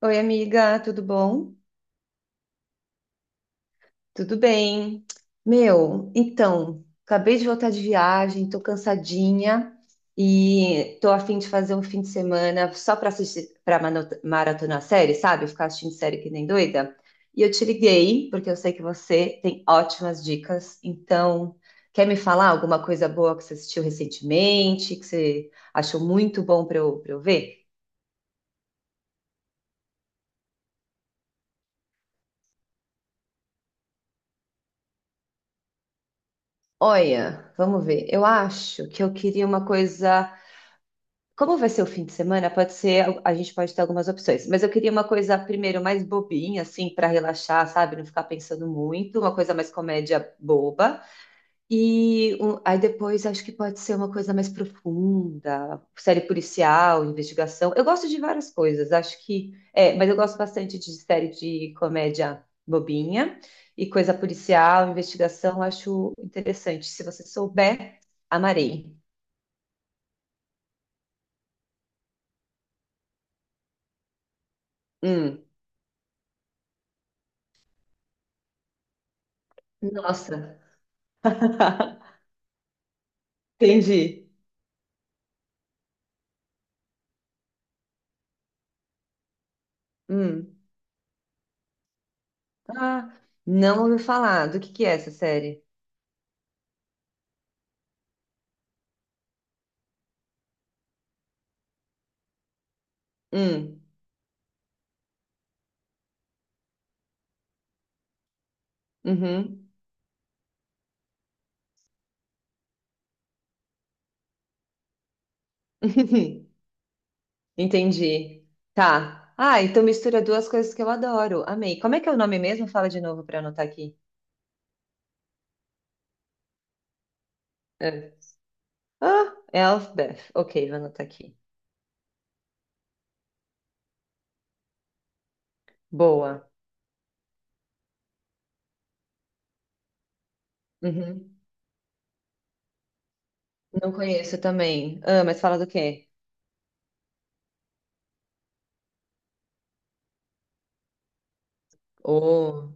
Oi, amiga, tudo bom? Tudo bem. Meu, então, acabei de voltar de viagem, tô cansadinha e tô a fim de fazer um fim de semana só para assistir, para maratonar série, sabe? Ficar assistindo série que nem doida. E eu te liguei porque eu sei que você tem ótimas dicas. Então, quer me falar alguma coisa boa que você assistiu recentemente, que você achou muito bom para eu ver? Olha, vamos ver. Eu acho que eu queria uma coisa. Como vai ser o fim de semana, pode ser, a gente pode ter algumas opções, mas eu queria uma coisa primeiro mais bobinha, assim, para relaxar, sabe? Não ficar pensando muito, uma coisa mais comédia boba. E aí depois acho que pode ser uma coisa mais profunda, série policial, investigação. Eu gosto de várias coisas, acho que é, mas eu gosto bastante de série de comédia bobinha e coisa policial, investigação, acho interessante. Se você souber, amarei. Hum, nossa. Entendi. Hum. Ah, não ouvi falar. Do que é essa série? Hum. Uhum. Entendi. Tá. Ah, então mistura duas coisas que eu adoro. Amei. Como é que é o nome mesmo? Fala de novo para eu anotar aqui. É. Ah, Elfbeth. Ok, vou anotar aqui. Boa. Uhum. Não conheço também. Ah, mas fala do quê? Oh.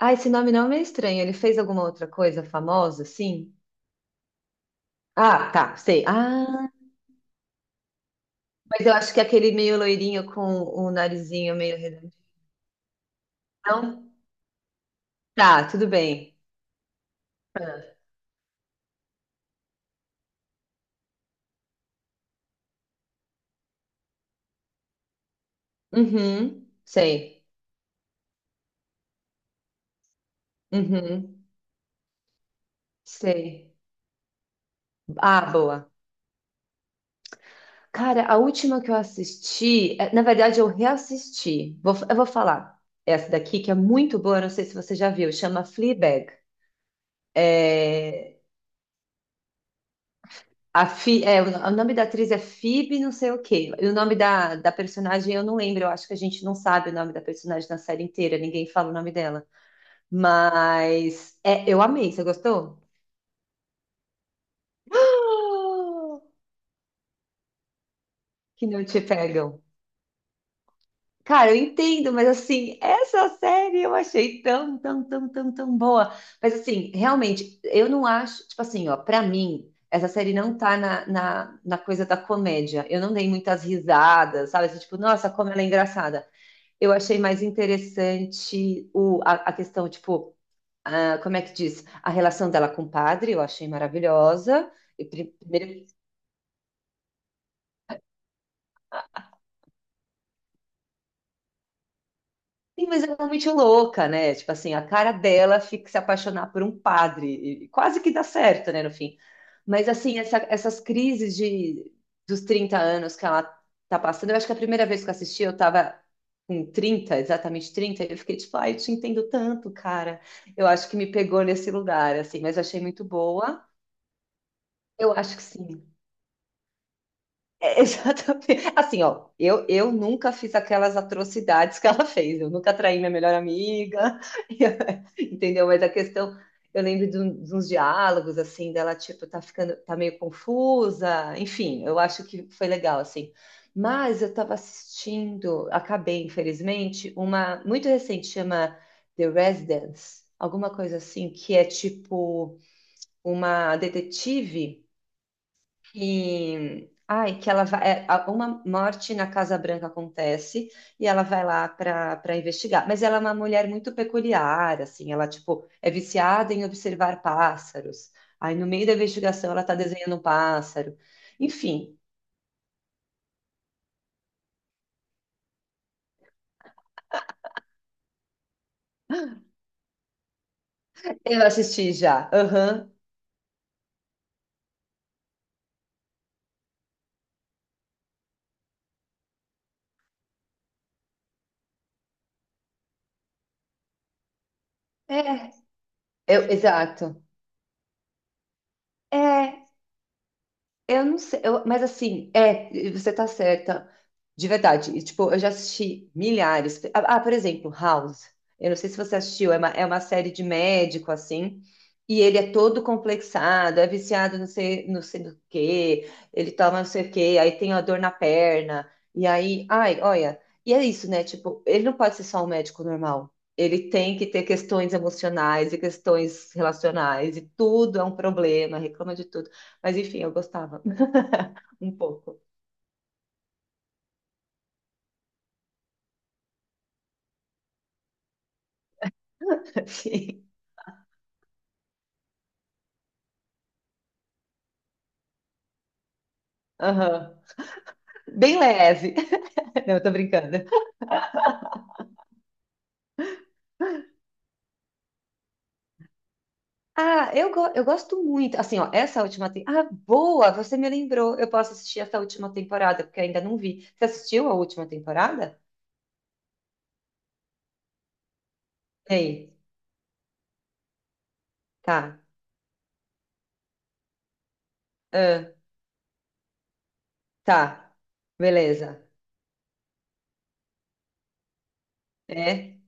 Ah, esse nome não me é estranho. Ele fez alguma outra coisa famosa? Sim. Ah, tá, sei. Mas eu acho que aquele meio loirinho com o narizinho meio redondinho. Não? Tá, tudo bem. Ah. Uhum, sei. Uhum, sei. Ah, boa. Cara, a última que eu assisti, é, na verdade eu reassisti. Eu vou falar essa daqui que é muito boa, não sei se você já viu, chama Fleabag. É, a Phe- é, o nome da atriz é Phoebe, não sei o quê. E o nome da personagem eu não lembro, eu acho que a gente não sabe o nome da personagem na série inteira, ninguém fala o nome dela. Mas é, eu amei, você gostou? Ah, que não te pegam. Cara, eu entendo, mas assim, essa série eu achei tão, tão, tão, tão, tão boa. Mas assim, realmente, eu não acho, tipo assim, ó, pra mim, essa série não tá na coisa da comédia. Eu não dei muitas risadas, sabe? Assim, tipo, nossa, como ela é engraçada. Eu achei mais interessante a questão, tipo, ah, como é que diz? A relação dela com o padre, eu achei maravilhosa. E primeiro. Sim, mas ela é muito louca, né? Tipo assim, a cara dela fica se apaixonar por um padre. E quase que dá certo, né, no fim. Mas assim, essas crises dos 30 anos que ela tá passando, eu acho que a primeira vez que eu assisti, eu tava com 30, exatamente 30, e eu fiquei tipo, ai, eu te entendo tanto, cara. Eu acho que me pegou nesse lugar, assim, mas achei muito boa. Eu acho que sim. É, exatamente. Assim, ó, eu nunca fiz aquelas atrocidades que ela fez. Eu nunca traí minha melhor amiga, entendeu? Mas a questão, eu lembro de, de uns diálogos, assim, dela, tipo, tá ficando, tá meio confusa. Enfim, eu acho que foi legal, assim. Mas eu tava assistindo, acabei, infelizmente, uma muito recente, chama The Residence, alguma coisa assim, que é tipo uma detetive e ai, que ela vai, é, uma morte na Casa Branca acontece e ela vai lá para investigar. Mas ela é uma mulher muito peculiar, assim, ela tipo é viciada em observar pássaros. Aí no meio da investigação ela tá desenhando um pássaro. Enfim, eu assisti já. Aham. É, exato. É, eu não sei, mas assim, é, você tá certa, de verdade. E, tipo, eu já assisti milhares. Ah, ah, por exemplo, House. Eu não sei se você assistiu, é uma série de médico, assim, e ele é todo complexado, é viciado não sei, não sei do quê, ele toma não sei o quê, aí tem a dor na perna, e aí, ai, olha, e é isso, né? Tipo, ele não pode ser só um médico normal. Ele tem que ter questões emocionais e questões relacionais, e tudo é um problema, reclama de tudo. Mas enfim, eu gostava um pouco, assim. Aham. Bem leve. Não, eu tô brincando. Ah, eu, eu gosto muito. Assim, ó, essa última temporada. Ah, boa! Você me lembrou. Eu posso assistir essa última temporada, porque eu ainda não vi. Você assistiu a última temporada? Ei, tá. Ah, tá. Beleza. É.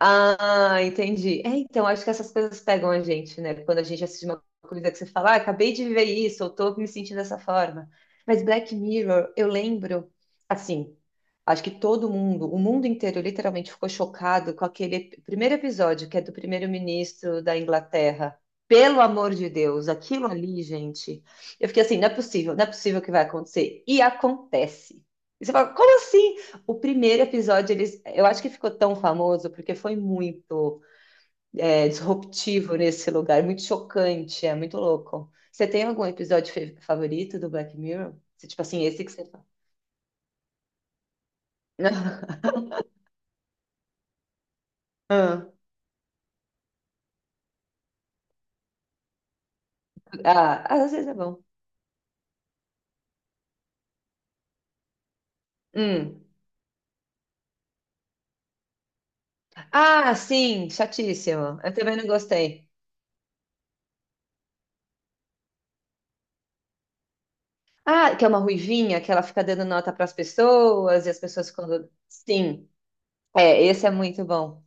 Ah, entendi. É, então, acho que essas coisas pegam a gente, né? Quando a gente assiste uma coisa que você fala, ah, acabei de viver isso, eu tô me sentindo dessa forma. Mas Black Mirror, eu lembro, assim, acho que todo mundo, o mundo inteiro, literalmente ficou chocado com aquele primeiro episódio, que é do primeiro-ministro da Inglaterra. Pelo amor de Deus, aquilo ali, gente. Eu fiquei assim, não é possível, não é possível que vai acontecer. E acontece. E você fala, como assim? O primeiro episódio, eles, eu acho que ficou tão famoso porque foi muito é, disruptivo nesse lugar, muito chocante, é muito louco. Você tem algum episódio favorito do Black Mirror? Você, tipo assim, esse que você fala. Ah, ah, às vezes é bom. Hum. Ah, sim, chatíssimo. Eu também não gostei. Ah, que é uma ruivinha, que ela fica dando nota para as pessoas e as pessoas ficam. Sim, é, esse é muito bom.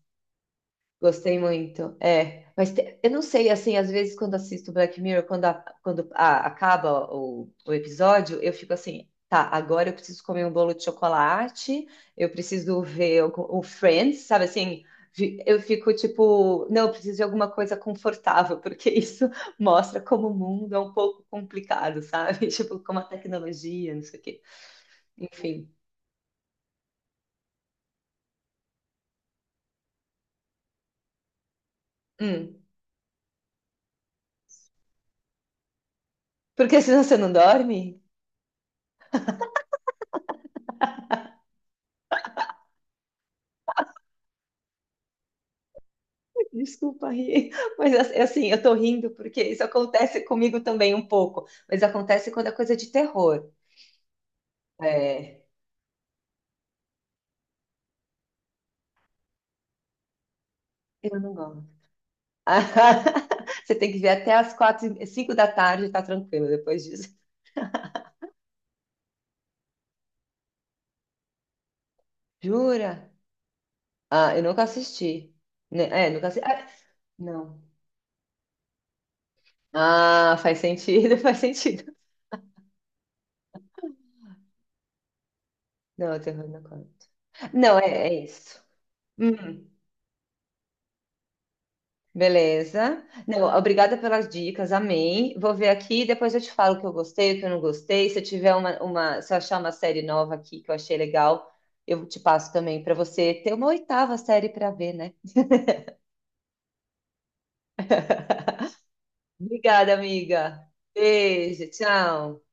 Gostei muito. É, mas eu não sei, assim, às vezes quando assisto Black Mirror, quando acaba o episódio, eu fico assim, tá, agora eu preciso comer um bolo de chocolate, eu preciso ver o Friends, sabe assim? Eu fico tipo, não, eu preciso de alguma coisa confortável, porque isso mostra como o mundo é um pouco complicado, sabe? Tipo, como a tecnologia, não sei o quê. Enfim. Hum. Porque senão você não dorme? Desculpa rir, mas é assim, eu tô rindo porque isso acontece comigo também um pouco, mas acontece quando é coisa de terror. É, eu não gosto. Você tem que ver até as 4, 5 da tarde, tá tranquilo depois disso. Jura? Ah, eu nunca assisti. Né, é, nunca assisti. Ah, não. Ah, faz sentido, faz sentido. Não, é terror não conta. Não, é, é isso. Hum. Beleza. Não, obrigada pelas dicas, amei. Vou ver aqui, depois eu te falo o que eu gostei, o que eu não gostei. Se eu tiver se eu achar uma série nova aqui que eu achei legal, eu te passo também para você ter uma oitava série para ver, né? Obrigada, amiga. Beijo, tchau.